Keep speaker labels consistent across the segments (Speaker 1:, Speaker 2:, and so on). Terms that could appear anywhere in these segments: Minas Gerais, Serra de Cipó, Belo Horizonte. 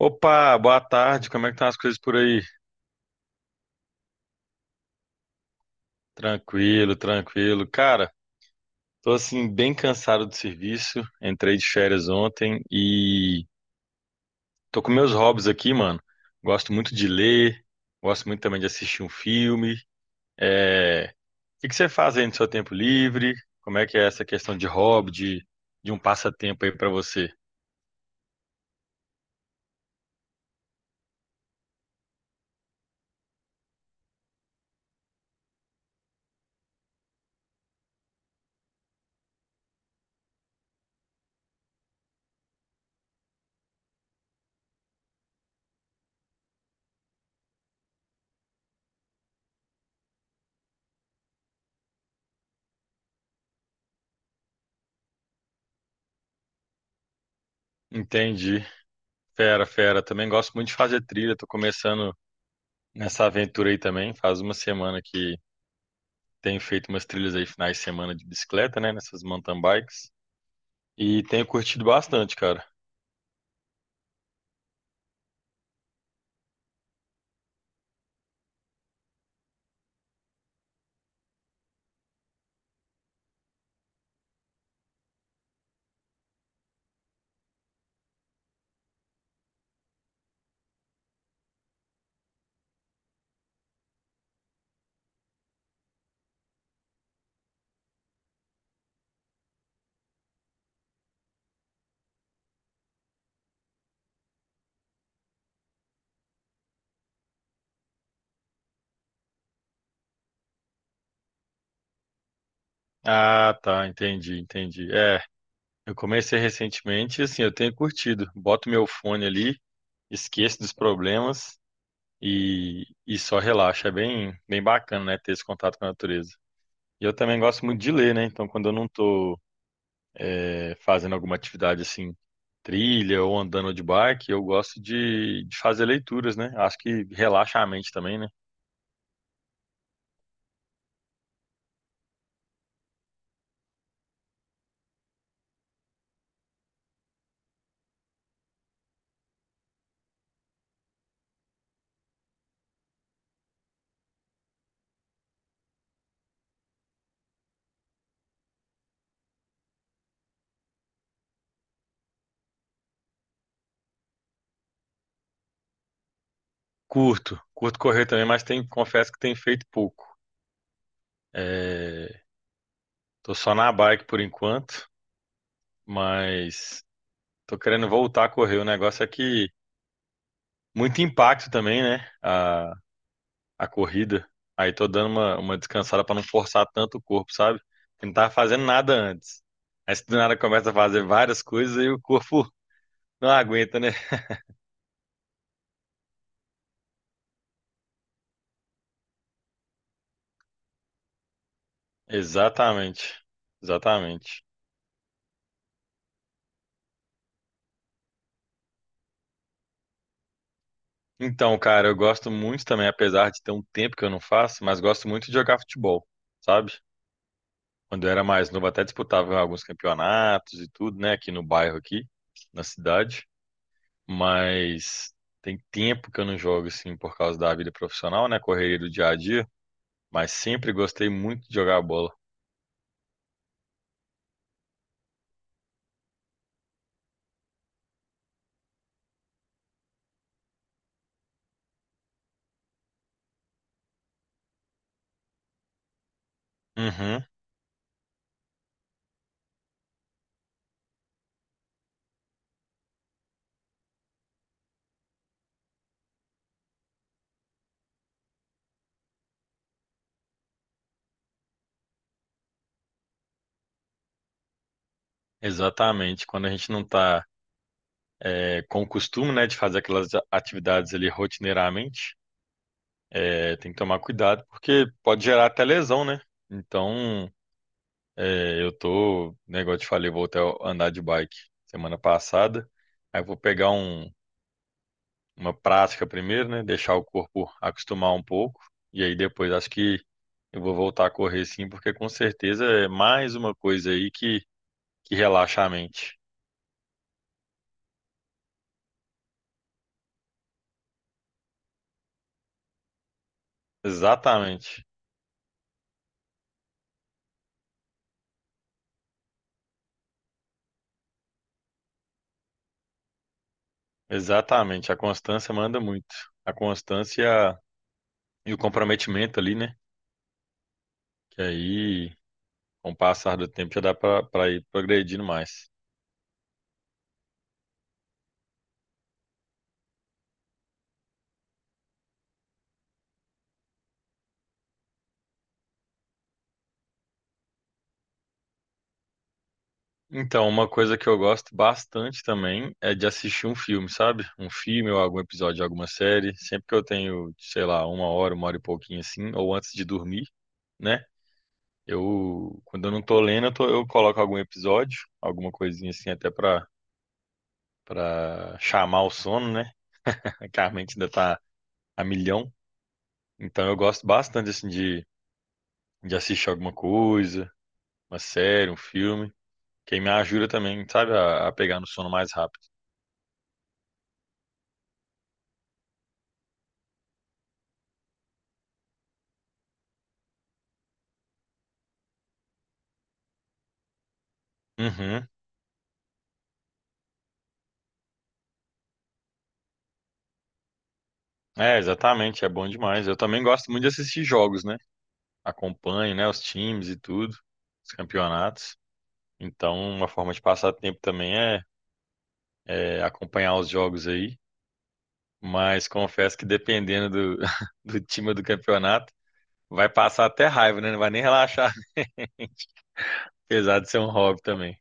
Speaker 1: Opa, boa tarde. Como é que estão as coisas por aí? Tranquilo, tranquilo. Cara, tô assim bem cansado do serviço. Entrei de férias ontem e tô com meus hobbies aqui, mano. Gosto muito de ler, gosto muito também de assistir um filme. É... O que que você faz aí no seu tempo livre? Como é que é essa questão de hobby, de um passatempo aí pra você? Entendi. Fera, fera. Também gosto muito de fazer trilha. Tô começando nessa aventura aí também. Faz uma semana que tenho feito umas trilhas aí finais de semana de bicicleta, né? Nessas mountain bikes. E tenho curtido bastante, cara. Ah, tá, entendi, entendi. É, eu comecei recentemente e assim, eu tenho curtido. Boto meu fone ali, esqueço dos problemas e só relaxo. É bem, bem bacana, né? Ter esse contato com a natureza. E eu também gosto muito de ler, né? Então, quando eu não tô fazendo alguma atividade assim, trilha ou andando de bike, eu gosto de fazer leituras, né? Acho que relaxa a mente também, né? Curto correr também, mas tem, confesso que tem feito pouco. É, tô só na bike por enquanto, mas tô querendo voltar a correr. O negócio é que muito impacto também, né? A corrida. Aí tô dando uma descansada pra não forçar tanto o corpo, sabe? Eu não tava fazendo nada antes. Aí se do nada começa a fazer várias coisas e o corpo não aguenta, né? Exatamente, exatamente. Então, cara, eu gosto muito também, apesar de ter um tempo que eu não faço, mas gosto muito de jogar futebol, sabe? Quando eu era mais novo, até disputava alguns campeonatos e tudo, né? Aqui no bairro, aqui, na cidade. Mas tem tempo que eu não jogo, assim, por causa da vida profissional, né? Correria do dia a dia. Mas sempre gostei muito de jogar bola. Uhum, exatamente. Quando a gente não tá, com o costume, né, de fazer aquelas atividades ali rotineiramente, tem que tomar cuidado, porque pode gerar até lesão, né? Então, eu tô, negócio te falei, vou até andar de bike semana passada. Aí eu vou pegar um, uma prática primeiro, né? Deixar o corpo acostumar um pouco. E aí depois acho que eu vou voltar a correr sim, porque com certeza é mais uma coisa aí que relaxa a mente. Exatamente, exatamente. A constância manda muito. A constância e o comprometimento ali, né? Que aí, com o passar do tempo já dá para ir progredindo mais. Então, uma coisa que eu gosto bastante também é de assistir um filme, sabe? Um filme ou algum episódio de alguma série. Sempre que eu tenho, sei lá, uma hora e pouquinho assim, ou antes de dormir, né? Eu, quando eu não tô lendo, eu coloco algum episódio, alguma coisinha assim, até pra chamar o sono, né? Que a mente ainda tá a milhão. Então, eu gosto bastante, assim, de assistir alguma coisa, uma série, um filme. Quem me ajuda também, sabe, a pegar no sono mais rápido. Uhum. É, exatamente, é bom demais. Eu também gosto muito de assistir jogos, né? Acompanho, né, os times e tudo, os campeonatos. Então, uma forma de passar tempo também é acompanhar os jogos aí. Mas confesso que dependendo do, do time do campeonato, vai passar até raiva, né? Não vai nem relaxar, apesar de ser um hobby também.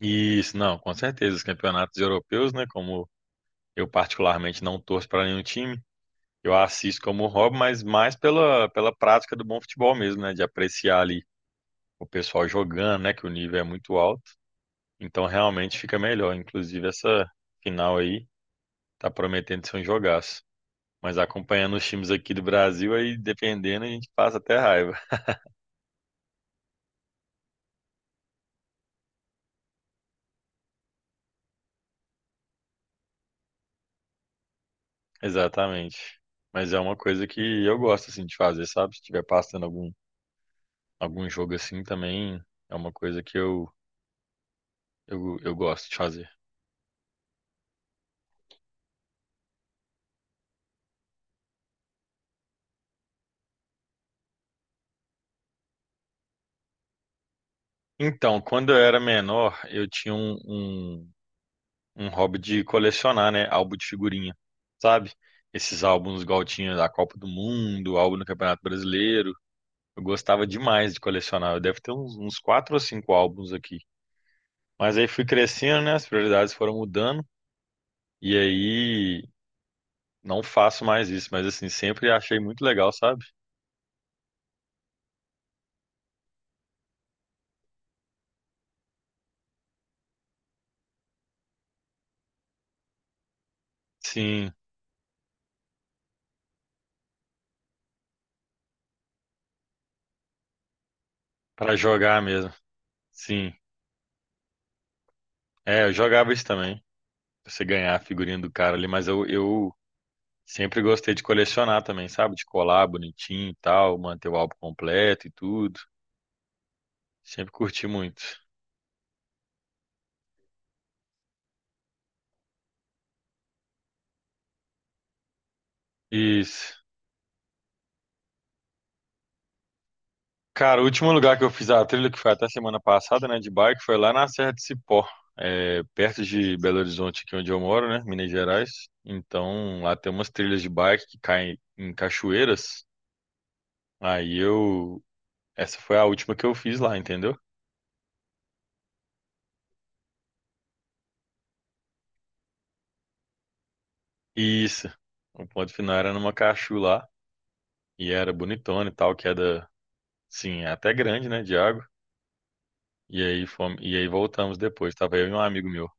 Speaker 1: Isso, não, com certeza. Os campeonatos europeus, né? Como eu particularmente não torço para nenhum time, eu assisto como hobby, mas mais pela, prática do bom futebol mesmo, né? De apreciar ali o pessoal jogando, né? Que o nível é muito alto. Então realmente fica melhor. Inclusive essa final aí tá prometendo ser um jogaço. Mas acompanhando os times aqui do Brasil, aí dependendo, a gente passa até raiva. Exatamente. Mas é uma coisa que eu gosto assim de fazer, sabe? Se estiver passando algum, jogo assim também, é uma coisa que eu gosto de fazer. Então, quando eu era menor, eu tinha um, um hobby de colecionar, né? Álbum de figurinha, sabe? Esses álbuns igual tinha da Copa do Mundo, álbum do Campeonato Brasileiro. Eu gostava demais de colecionar. Eu devo ter uns quatro ou cinco álbuns aqui. Mas aí fui crescendo, né? As prioridades foram mudando. E aí não faço mais isso. Mas assim, sempre achei muito legal, sabe? Sim, pra jogar mesmo. Sim. É, eu jogava isso também. Pra você ganhar a figurinha do cara ali, mas eu sempre gostei de colecionar também, sabe? De colar bonitinho e tal, manter o álbum completo e tudo. Sempre curti muito. Isso. Cara, o último lugar que eu fiz a trilha, que foi até semana passada, né, de bike, foi lá na Serra de Cipó, perto de Belo Horizonte, aqui onde eu moro, né, Minas Gerais. Então, lá tem umas trilhas de bike que caem em cachoeiras. Aí eu. Essa foi a última que eu fiz lá, entendeu? E isso. O ponto final era numa cachu lá, e era bonitona e tal, queda. Sim, é até grande, né, de água. E aí fomos, e aí voltamos depois. Tava eu e um amigo meu.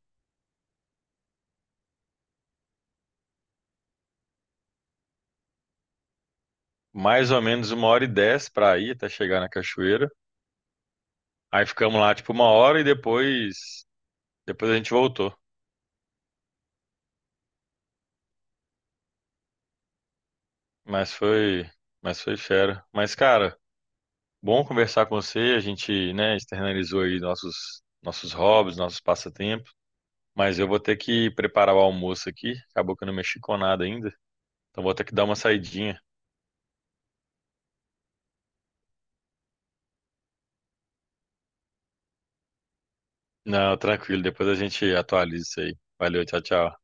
Speaker 1: Mais ou menos uma hora e dez para ir até chegar na cachoeira. Aí ficamos lá tipo uma hora e depois, a gente voltou. Mas foi, mas foi fera. Mas cara, bom conversar com você. A gente, né, externalizou aí nossos hobbies, nossos passatempos. Mas eu vou ter que preparar o almoço aqui. Acabou que eu não mexi com nada ainda. Então vou ter que dar uma saidinha. Não, tranquilo. Depois a gente atualiza isso aí. Valeu, tchau, tchau.